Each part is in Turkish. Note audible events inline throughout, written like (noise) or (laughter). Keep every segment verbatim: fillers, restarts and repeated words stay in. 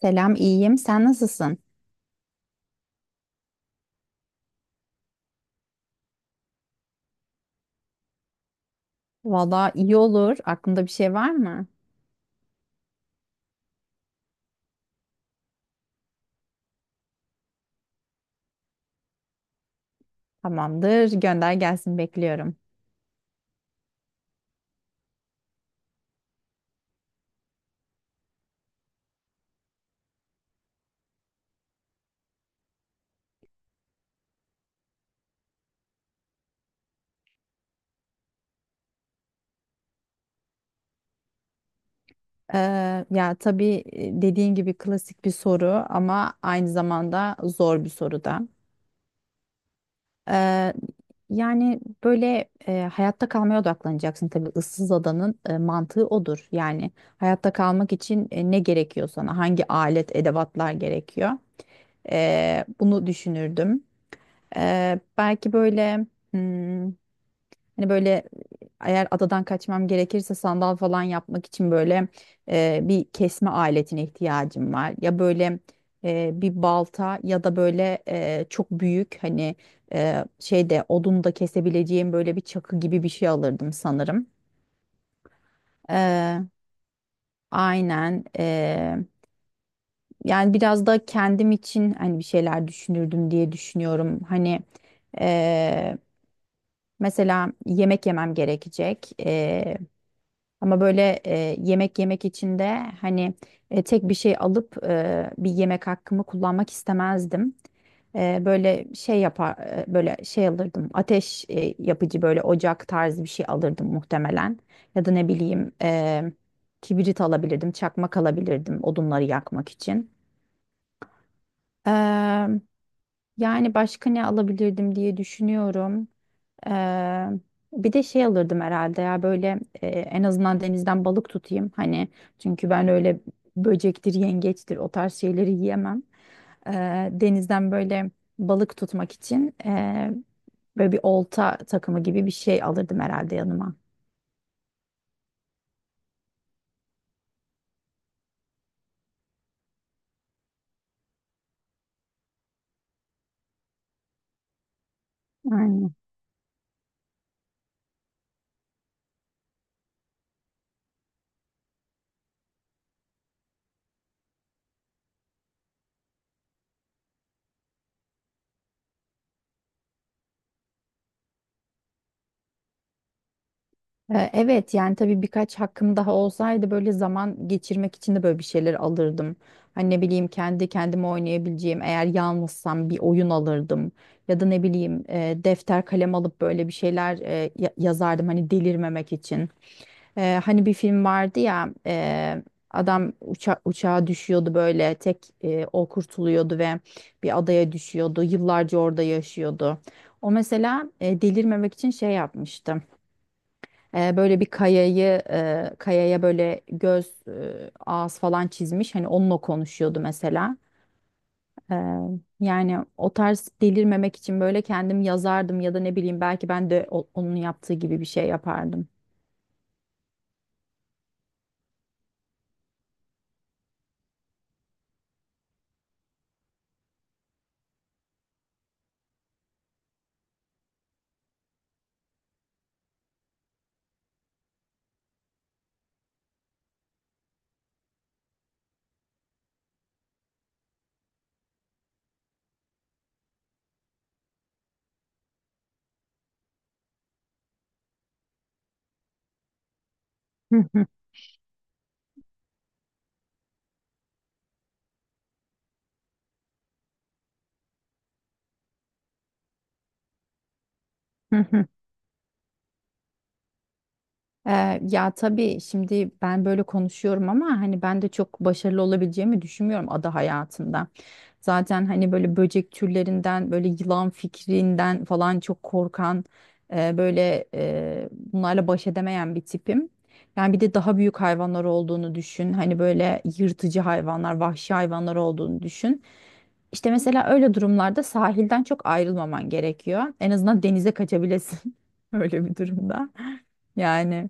Selam, iyiyim. Sen nasılsın? Valla iyi olur. Aklında bir şey var mı? Tamamdır. Gönder gelsin. Bekliyorum. Ee, ya tabii e, dediğin gibi klasik bir soru ama aynı zamanda zor bir soru da. Eee, yani böyle eee, hayatta kalmaya odaklanacaksın tabii ıssız adanın eee, mantığı odur. Yani hayatta kalmak için e, ne gerekiyor sana? Hangi alet, edevatlar gerekiyor? Eee, bunu düşünürdüm. Eee, belki böyle hmm, Hani böyle eğer adadan kaçmam gerekirse sandal falan yapmak için böyle e, bir kesme aletine ihtiyacım var. Ya böyle e, bir balta ya da böyle e, çok büyük hani e, şeyde odun da kesebileceğim böyle bir çakı gibi bir şey alırdım sanırım. Eee, aynen. Eee, yani biraz da kendim için hani bir şeyler düşünürdüm diye düşünüyorum. Hani eee, mesela yemek yemem gerekecek. Ama böyle e, yemek yemek için de hani e, tek bir şey alıp e, bir yemek hakkımı kullanmak istemezdim. E, böyle şey yapar e, böyle şey alırdım. Ateş e, yapıcı böyle ocak tarzı bir şey alırdım muhtemelen. Ya da ne bileyim e, kibrit alabilirdim, çakmak alabilirdim odunları yakmak için. Eee, yani başka ne alabilirdim diye düşünüyorum. Eee, bir de şey alırdım herhalde ya böyle e, en azından denizden balık tutayım hani çünkü ben öyle böcektir yengeçtir o tarz şeyleri yiyemem. Eee, denizden böyle balık tutmak için eee, böyle bir olta takımı gibi bir şey alırdım herhalde yanıma. Aynen. Ee, Evet, yani tabii birkaç hakkım daha olsaydı böyle zaman geçirmek için de böyle bir şeyler alırdım. Hani ne bileyim kendi kendime oynayabileceğim eğer yalnızsam bir oyun alırdım. Ya da ne bileyim e, defter kalem alıp böyle bir şeyler e, ya- yazardım hani delirmemek için. Ee, hani bir film vardı ya e, adam uça uçağa düşüyordu böyle tek e, o kurtuluyordu ve bir adaya düşüyordu. Yıllarca orada yaşıyordu. O mesela e, delirmemek için şey yapmıştı. E, böyle bir kayayı e, kayaya böyle göz e, ağız falan çizmiş, hani onunla konuşuyordu mesela. E, yani o tarz delirmemek için böyle kendim yazardım, ya da ne bileyim belki ben de o- onun yaptığı gibi bir şey yapardım. (laughs) Hı hı, hı. Ee, ya tabii şimdi ben böyle konuşuyorum ama hani ben de çok başarılı olabileceğimi düşünmüyorum ada hayatında. Zaten hani böyle böcek türlerinden böyle yılan fikrinden falan çok korkan, e, böyle e, bunlarla baş edemeyen bir tipim. Yani bir de daha büyük hayvanlar olduğunu düşün. Hani böyle yırtıcı hayvanlar, vahşi hayvanlar olduğunu düşün. İşte mesela öyle durumlarda sahilden çok ayrılmaman gerekiyor. En azından denize kaçabilesin (laughs) öyle bir durumda. Yani.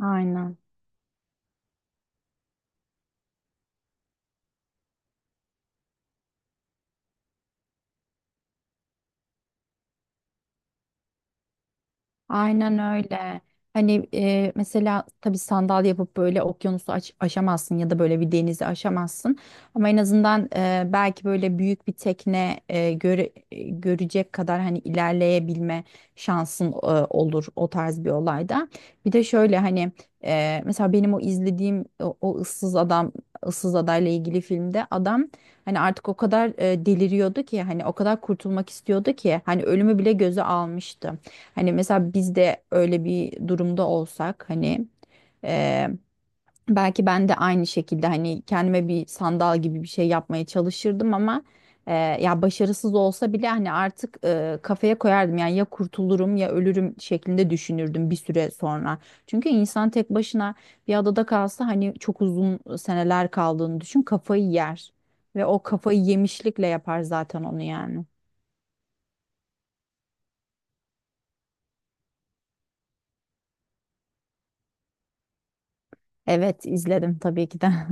Aynen. Aynen öyle. Hani e, mesela tabii sandal yapıp böyle okyanusu aş- aşamazsın, ya da böyle bir denizi aşamazsın. Ama en azından e, belki böyle büyük bir tekne e, göre- e, görecek kadar hani ilerleyebilme şansın e, olur o tarz bir olayda. Bir de şöyle hani e, mesela benim o izlediğim o, o ıssız adam ıssız adayla ilgili filmde adam, hani artık o kadar e, deliriyordu ki hani o kadar kurtulmak istiyordu ki hani ölümü bile göze almıştı. Hani mesela biz de öyle bir durumda olsak hani e, belki ben de aynı şekilde hani kendime bir sandal gibi bir şey yapmaya çalışırdım, ama e, ya başarısız olsa bile hani artık e, kafaya koyardım yani ya kurtulurum ya ölürüm şeklinde düşünürdüm bir süre sonra. Çünkü insan tek başına bir adada kalsa hani çok uzun seneler kaldığını düşün, kafayı yer ve o kafayı yemişlikle yapar zaten onu yani. Evet, izledim tabii ki de. (laughs)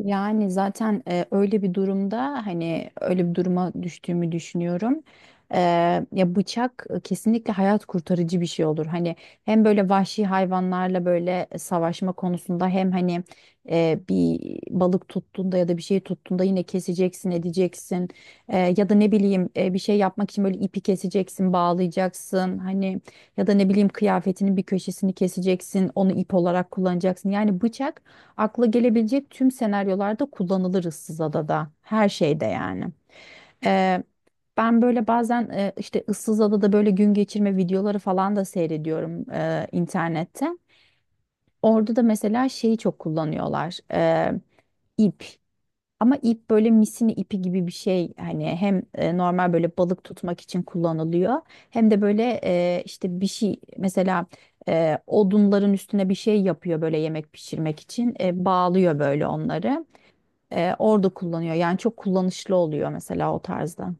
Yani zaten e, öyle bir durumda hani öyle bir duruma düştüğümü düşünüyorum. E, ya bıçak e, kesinlikle hayat kurtarıcı bir şey olur. Hani hem böyle vahşi hayvanlarla böyle savaşma konusunda hem hani e, bir balık tuttuğunda ya da bir şey tuttuğunda yine keseceksin, edeceksin. E, ya da ne bileyim e, bir şey yapmak için böyle ipi keseceksin, bağlayacaksın. Hani ya da ne bileyim kıyafetinin bir köşesini keseceksin, onu ip olarak kullanacaksın. Yani bıçak akla gelebilecek tüm senaryolarda kullanılır ıssız adada. Her şeyde yani. Ee, ben böyle bazen e, işte ıssız adada böyle gün geçirme videoları falan da seyrediyorum e, internette. Orada da mesela şeyi çok kullanıyorlar. e, ip. Ama ip böyle misini ipi gibi bir şey. Hani hem e, normal böyle balık tutmak için kullanılıyor. Hem de böyle e, işte bir şey mesela e, odunların üstüne bir şey yapıyor böyle yemek pişirmek için. E, bağlıyor böyle onları e, orada kullanıyor. Yani çok kullanışlı oluyor mesela o tarzda.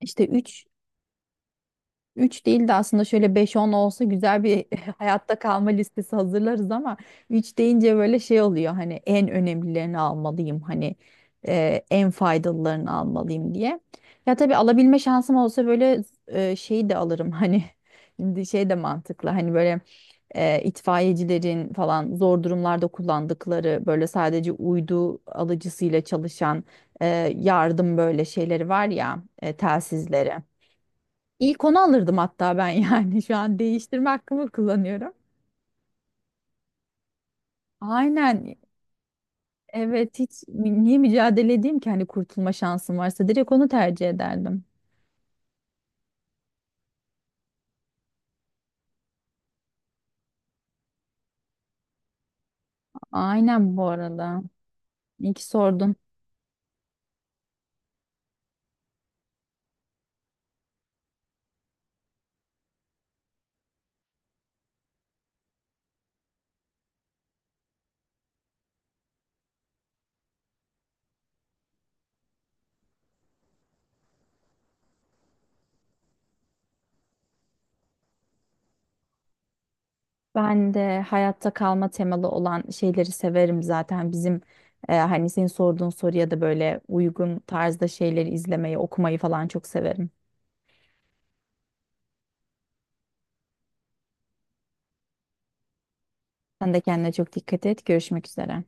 İşte üç. Üç değil de aslında şöyle beş on olsa güzel bir (laughs) hayatta kalma listesi hazırlarız ama üç deyince böyle şey oluyor hani en önemlilerini almalıyım, hani e, en faydalılarını almalıyım diye. Ya tabii alabilme şansım olsa böyle e, şeyi de alırım (laughs) hani şimdi şey de mantıklı hani böyle e, itfaiyecilerin falan zor durumlarda kullandıkları böyle sadece uydu alıcısıyla çalışan e, yardım böyle şeyleri var ya, e, telsizleri. İlk onu alırdım hatta ben yani (laughs) şu an değiştirme hakkımı kullanıyorum. Aynen, evet hiç mü- niye mücadele edeyim ki hani kurtulma şansım varsa direkt onu tercih ederdim. Aynen bu arada. İyi ki sordun. Ben de hayatta kalma temalı olan şeyleri severim zaten. Bizim e, hani senin sorduğun soruya da böyle uygun tarzda şeyleri izlemeyi, okumayı falan çok severim. Sen de kendine çok dikkat et. Görüşmek üzere.